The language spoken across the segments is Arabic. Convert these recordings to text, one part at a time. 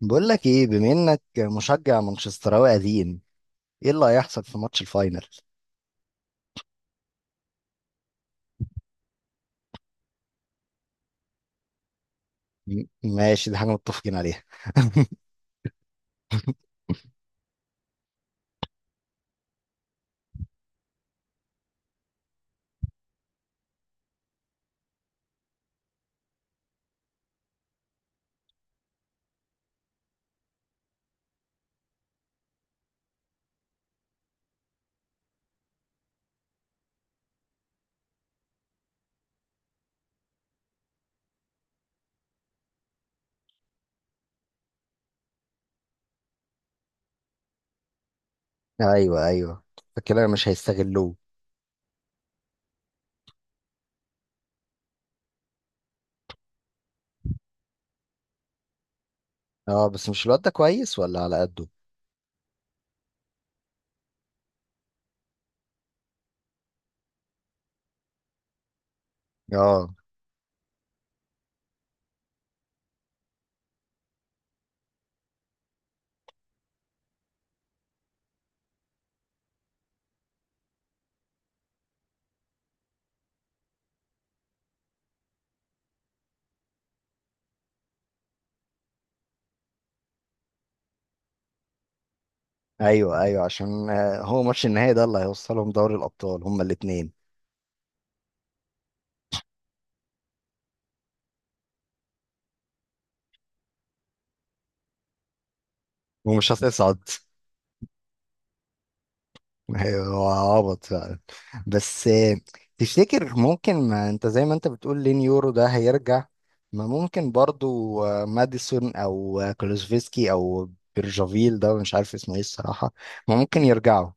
بقول لك ايه بما انك مشجع مانشستراوي قديم؟ ايه اللي هيحصل في ماتش الفاينل؟ ماشي، دي حاجه متفقين عليها. ايوه ايوه، فكده مش هيستغلوه. اه، بس مش الواد ده كويس ولا على قده؟ اه، ايوه ايوه، عشان هو ماتش النهائي ده اللي هيوصلهم دوري الابطال هما الاثنين. ومش هتصعد. ايوه، هو عبط فعلا. بس، تفتكر ممكن ما انت زي ما انت بتقول لين يورو ده هيرجع؟ ما ممكن برضو، ماديسون او كلوزفيسكي او بيرجافيل ده، مش عارف اسمه ايه الصراحة. ما ممكن يرجعوا.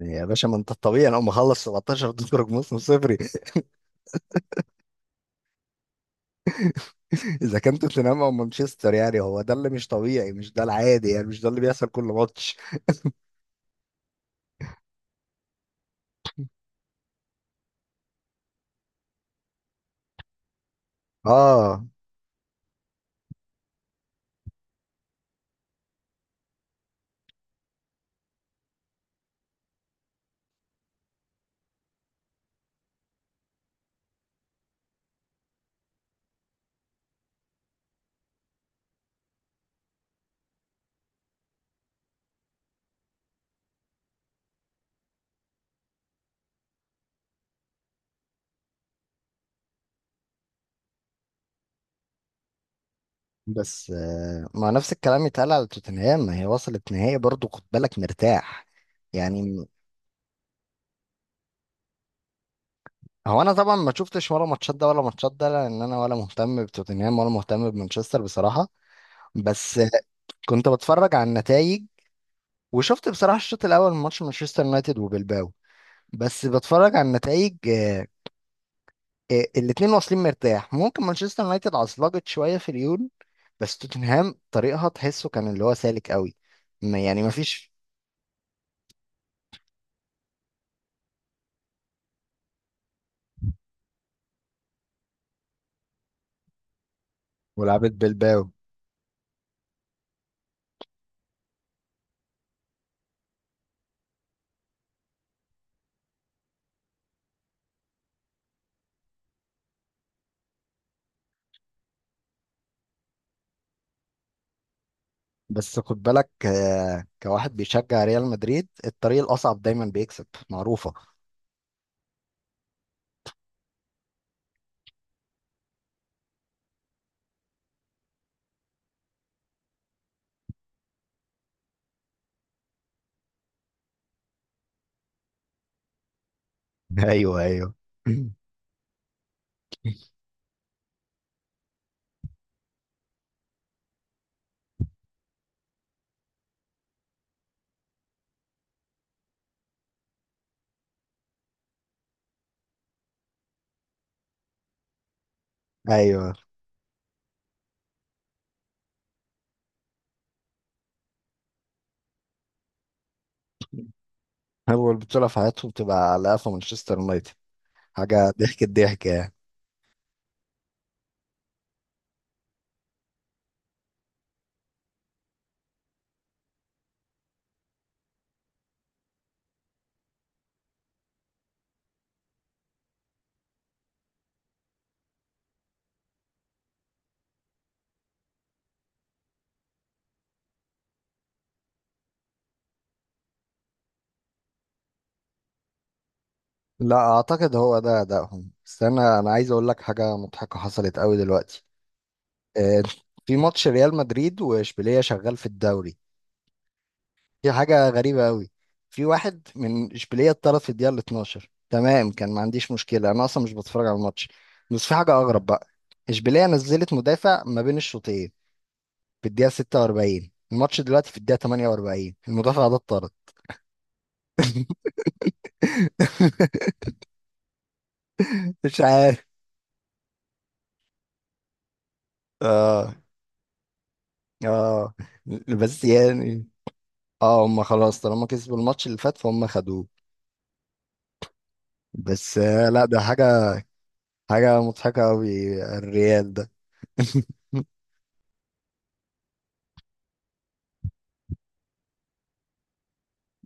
يا باشا، ما انت الطبيعي لو مخلص 17 تخرج موسم صفري. اذا كان توتنهام او مانشستر، يعني هو ده اللي مش طبيعي، مش ده العادي، يعني مش ده اللي بيحصل كل ماتش. اه، بس ما نفس الكلام يتقال على توتنهام، ما هي وصلت نهائي برضو، خد بالك، مرتاح يعني هو انا طبعا ما شفتش ولا ماتشات ده ولا ماتشات ده، لان انا ولا مهتم بتوتنهام ولا مهتم بمانشستر بصراحه. بس، كنت بتفرج على النتائج. وشفت بصراحه الشوط الاول من ماتش مانشستر يونايتد وبلباو. بس بتفرج على النتائج، الاتنين واصلين مرتاح. ممكن مانشستر يونايتد عصلجت شويه في اليون. بس توتنهام طريقها تحسه كان اللي هو سالك قوي. يعني ما فيش. ولعبت بلباو. بس خد بالك، كواحد بيشجع ريال مدريد الطريق الأصعب دايما بيكسب، معروفة. ايوه ايول. ايوه، اول بطولة في حياتهم تبقى على قفا مانشستر يونايتد، حاجة ضحك الضحك يعني. لا اعتقد هو ده ادائهم، بس انا عايز اقول لك حاجة مضحكة حصلت قوي دلوقتي. آه، في ماتش ريال مدريد واشبيلية شغال في الدوري. في حاجة غريبة قوي. في واحد من إشبيلية اتطرد في الدقيقة ال 12. تمام، كان ما عنديش مشكلة، أنا أصلا مش بتفرج على الماتش. بس في حاجة أغرب بقى. إشبيلية نزلت مدافع ما بين الشوطين. في الدقيقة 46 الماتش، دلوقتي في الدقيقة 48 المدافع ده اتطرد. مش عارف. اه. اه. بس يعني اه هم خلاص طالما كسبوا الماتش اللي فات فهم خدوه. بس، لا ده حاجة. حاجة مضحكة قوي الريال ده.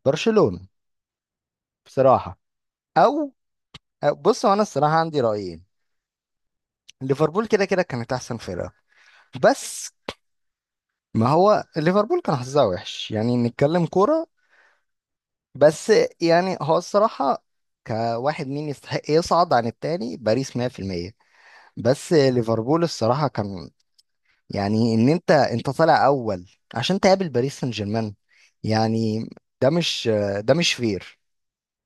برشلونة بصراحة. او بص، هو انا الصراحه عندي رايين. ليفربول كده كده كانت احسن فرقه. بس ما هو ليفربول كان حظها وحش، يعني نتكلم كوره. بس يعني هو الصراحه، كواحد مين يستحق يصعد عن التاني؟ باريس 100%. بس ليفربول الصراحه كان، يعني ان انت طالع اول عشان تقابل باريس سان جيرمان. يعني ده مش، ده مش فير.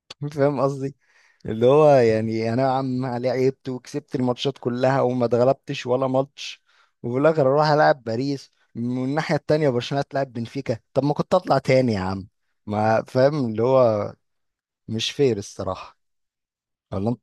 فاهم قصدي؟ اللي هو يعني انا يا عم لعبت وكسبت الماتشات كلها وما اتغلبتش ولا ماتش، وفي الاخر اروح العب باريس من الناحيه التانيه، برشلونه تلعب بنفيكا. طب ما كنت اطلع تاني يا عم؟ ما فاهم اللي هو، مش فير الصراحه. ولا انت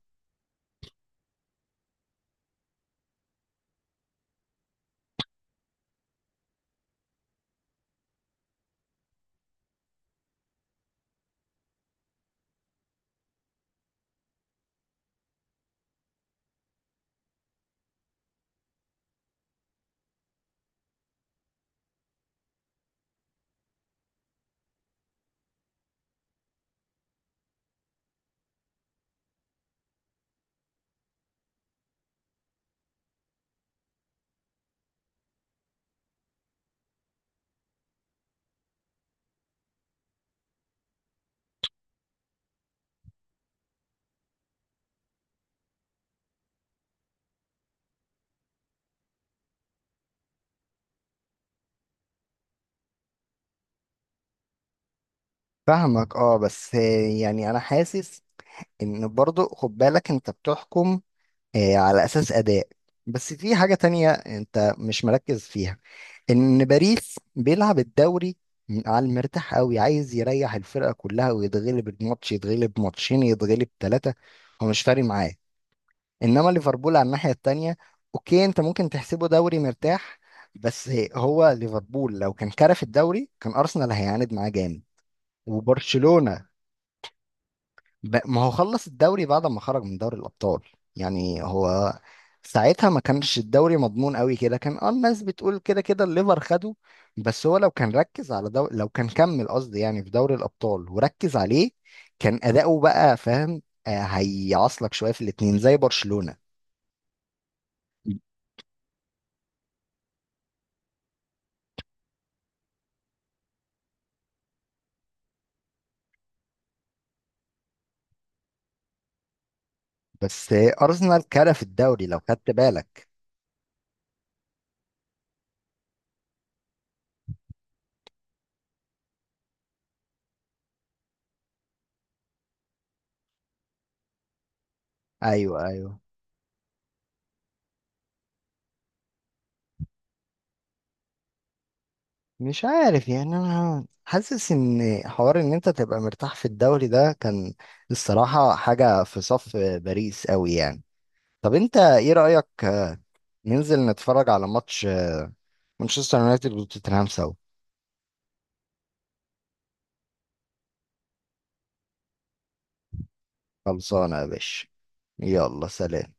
فاهمك؟ اه، بس يعني انا حاسس ان برضو، خد بالك، انت بتحكم على أساس أداء. بس في حاجة تانية أنت مش مركز فيها، إن باريس بيلعب الدوري على المرتاح قوي، عايز يريح الفرقة كلها ويتغلب الماتش، يتغلب ماتشين، يتغلب 3. هو مش فارق معاه. إنما ليفربول على الناحية التانية، أوكي أنت ممكن تحسبه دوري مرتاح، بس هو ليفربول لو كان كرف الدوري كان أرسنال هيعاند معاه جامد. وبرشلونة ما هو خلص الدوري بعد ما خرج من دوري الأبطال. يعني هو ساعتها ما كانش الدوري مضمون قوي كده، كان اه الناس بتقول كده كده الليفر خده. بس هو لو كان ركز على لو كان كمل قصدي يعني في دوري الأبطال وركز عليه، كان أداؤه بقى فاهم، هيعصلك شوية في الاتنين زي برشلونة. بس، أرسنال كرف الدوري لو خدت بالك. ايوه ايوه، مش عارف يعني انا حاسس ان حوار ان انت تبقى مرتاح في الدوري ده كان الصراحة حاجة في صف باريس قوي يعني. طب انت ايه رأيك، ننزل نتفرج على ماتش مانشستر يونايتد وتوتنهام سوا؟ خلصانة يا باشا. يلا سلام.